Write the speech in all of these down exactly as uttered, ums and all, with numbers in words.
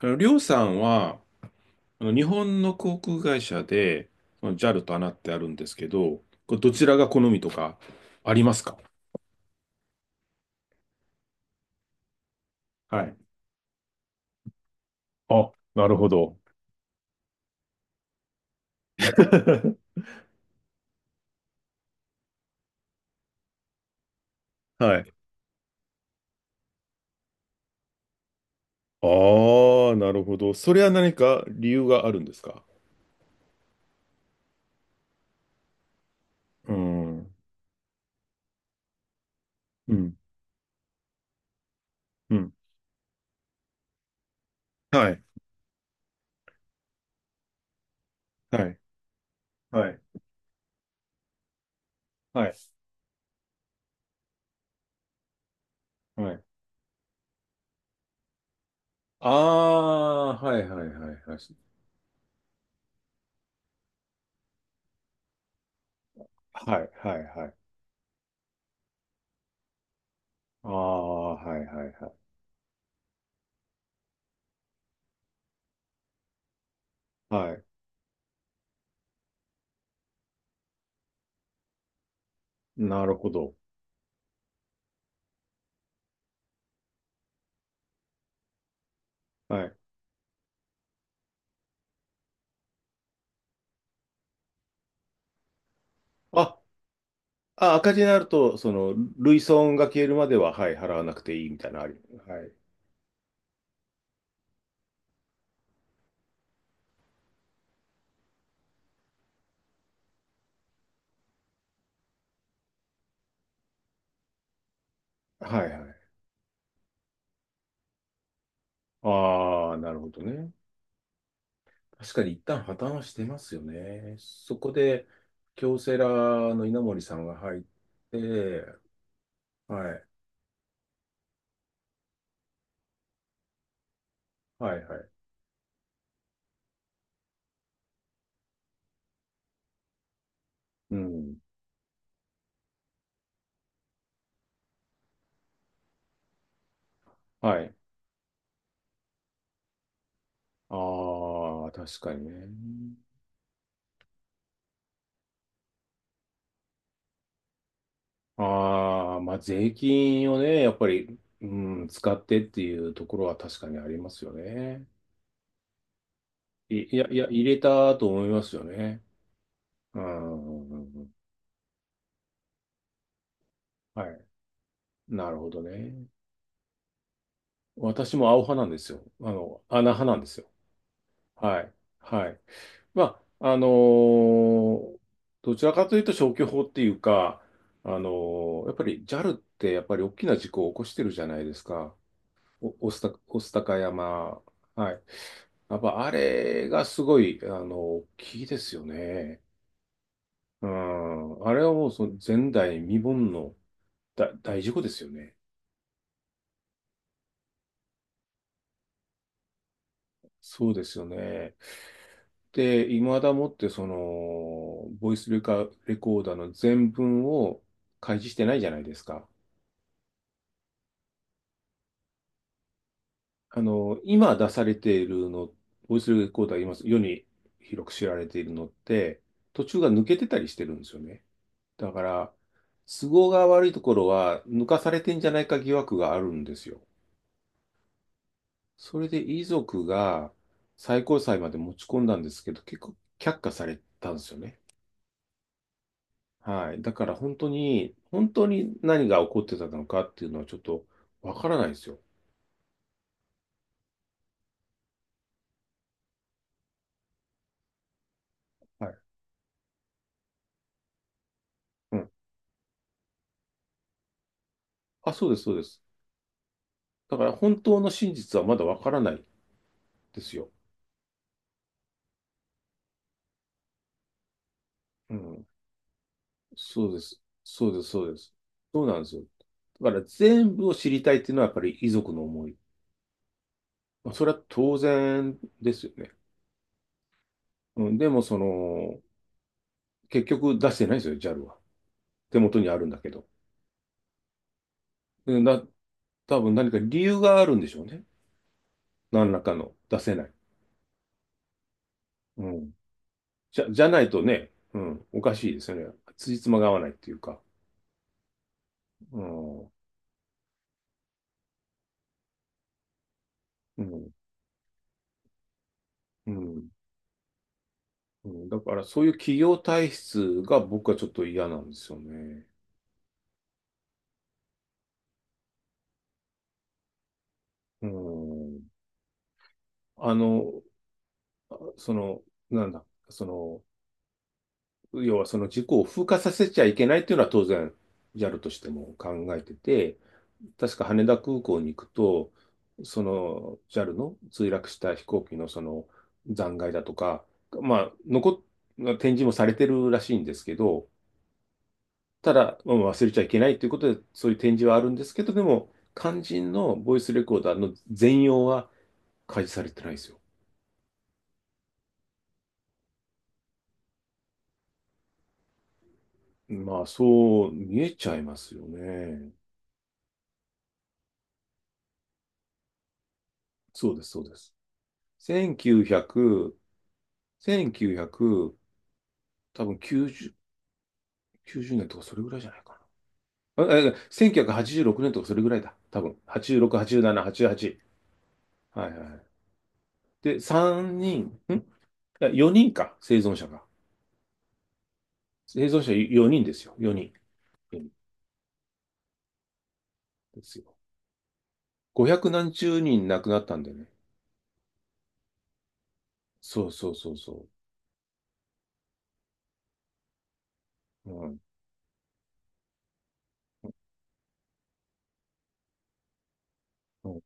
あのりょうさんは、あの日本の航空会社で、その ジャル と エーエヌ ってあるんですけど、これどちらが好みとかありますか？はい。あ、なるほど。はい。ああ、なるほど。それは何か理由があるんですか？うん、うん、うん。はい、はい、はい、はい、はい、ああ、はい、はい、はい、はい。はい、はい、はい。ああ、はい、はい、はい。はい、なるほど。はい。あ、あ、赤字になると、その、類損が消えるまでは、はい、払わなくていいみたいなのあり。はい。はいはい。ああ、なるほどね。確かに一旦破綻はしてますよね。そこで、京セラの稲森さんが入って、はい、はい、はい。うん。はい。ああ、確かにね。ああ、まあ、税金をね、やっぱり、うん、使ってっていうところは確かにありますよね。い、いや、いや、入れたと思いますよね。うんうんうん。はい。なるほどね。私も青派なんですよ。あの、穴派なんですよ。はい。はい。まあ、あのーどちらかというと消去法っていうか、あのーやっぱり ジャル ってやっぱり大きな事故を起こしてるじゃないですか。お、御巣た、御巣鷹山。はい。やっぱあれがすごい、あの、大きいですよね。うん。あれはもうその前代未聞の大、大事故ですよね。そうですよね。で、いまだもってその、ボイスレカ、レコーダーの全文を開示してないじゃないですか。あの、今出されているの、ボイスレコーダー今世に広く知られているのって、途中が抜けてたりしてるんですよね。だから、都合が悪いところは抜かされてんじゃないか疑惑があるんですよ。それで遺族が最高裁まで持ち込んだんですけど、結構却下されたんですよね。はい。だから本当に、本当に何が起こってたのかっていうのはちょっとわからないですよ。はい。うん。あ、そうです、そうです。だから本当の真実はまだわからないですよ。うん。そうです。そうです、そうです。そうなんですよ。だから全部を知りたいっていうのはやっぱり遺族の思い。まあ、それは当然ですよね。うん。でもその、結局出してないですよ、ジャル は。手元にあるんだけど。でな、多分何か理由があるんでしょうね。何らかの出せない。うん。じゃ、じゃないとね、うん、おかしいですよね。辻褄が合わないっていうか。うん、うん、うん。うん。だからそういう企業体質が僕はちょっと嫌なんですよね。うん。あの、その、なんだ、その、要はその事故を風化させちゃいけないっていうのは当然 ジャル としても考えてて、確か羽田空港に行くと、その ジャル の墜落した飛行機のその残骸だとか、まあ、残っ、展示もされてるらしいんですけど、ただ、まあ忘れちゃいけないということで、そういう展示はあるんですけど、でも、肝心のボイスレコーダーの全容は開示されてないですよ。まあ、そう見えちゃいますよね。そうです、そうです。せんきゅうひゃく、いち きゅう多分きゅうじゅう、きゅうじゅうねんとかそれぐらいじゃないかな。あえせんきゅうひゃくはちじゅうろくねんとかそれぐらいだ。多分。はちじゅうろく、はちじゅうなな、はちじゅうはち。はいはい。で、さんにん、んいや、よにんか、生存者が。生存者よにんですよ。よにん。よにんですよ。ごひゃく何十人亡くなったんだよね。そうそうそうそう。うん。うん。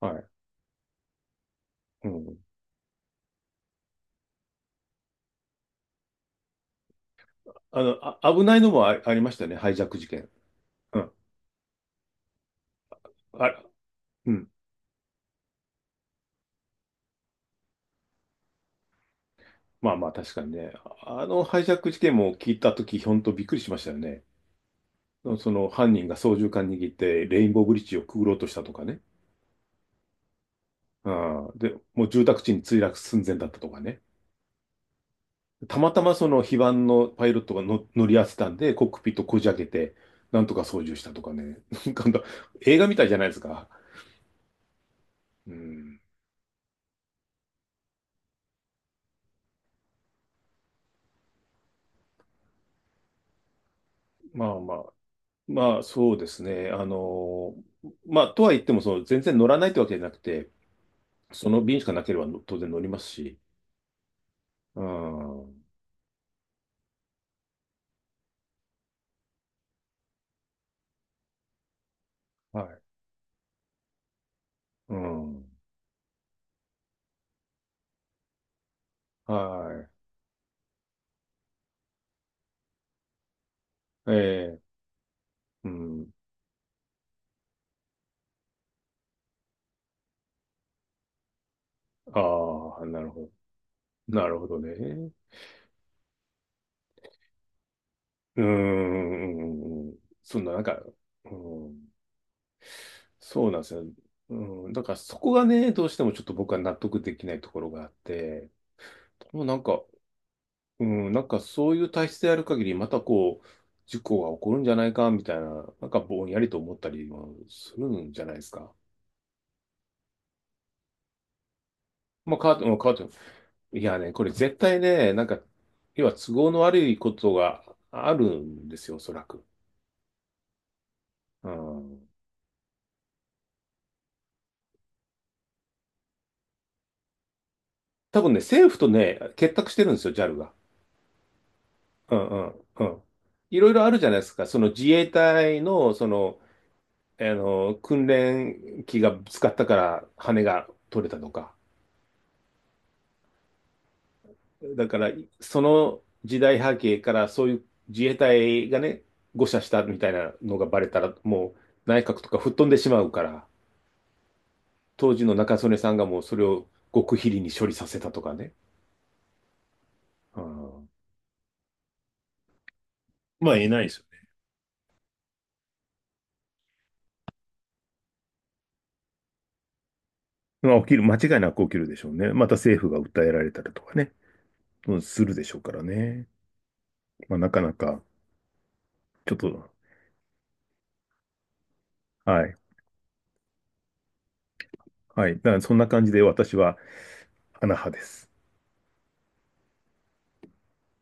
はい。うん。あの、あ、危ないのもあ、ありましたね。ハイジャック事件。うん。あ、うん。まあまあ、確かにね。あのハイジャック事件も聞いたとき、ほんとびっくりしましたよね。その犯人が操縦桿握ってレインボーブリッジをくぐろうとしたとかね。うん。で、もう住宅地に墜落寸前だったとかね。たまたまその非番のパイロットがの乗り合わせたんで、コックピットこじ開けて、なんとか操縦したとかね。なんか映画みたいじゃないですか。うん。まあまあ。まあそうですね。あのーまあとは言っても、その全然乗らないってわけじゃなくて、その便しかなければの当然乗りますし。うん。はい。うん。はい。ええ。うん。ああ、なるほど。なるほどね。うーん。そんな、なんか、うん、そうなんですよ。うん、だからそこがね、どうしてもちょっと僕は納得できないところがあって、もうなんか、うん、なんかそういう体質である限り、またこう、事故が起こるんじゃないか、みたいな、なんかぼんやりと思ったりもするんじゃないですか。まあ、変わっても、う変わっていやね、これ絶対ね、なんか、要は都合の悪いことがあるんですよ、おそらく。うん。多分ね、政府とね、結託してるんですよ、ジャル が。うんうんうん。いろいろあるじゃないですか。その自衛隊の、その、あの、訓練機がぶつかったから羽が取れたとか。だから、その時代背景からそういう自衛隊がね、誤射したみたいなのがバレたら、もう内閣とか吹っ飛んでしまうから、当時の中曽根さんがもうそれを極秘裏に処理させたとかね。うん、まあ、言えないですよ。まあ、起きる、間違いなく起きるでしょうね。また政府が訴えられたりとかね、うんするでしょうからね。まあ、なかなか、ちょっと、はい、はい。だからそんな感じで私は、アナ派です。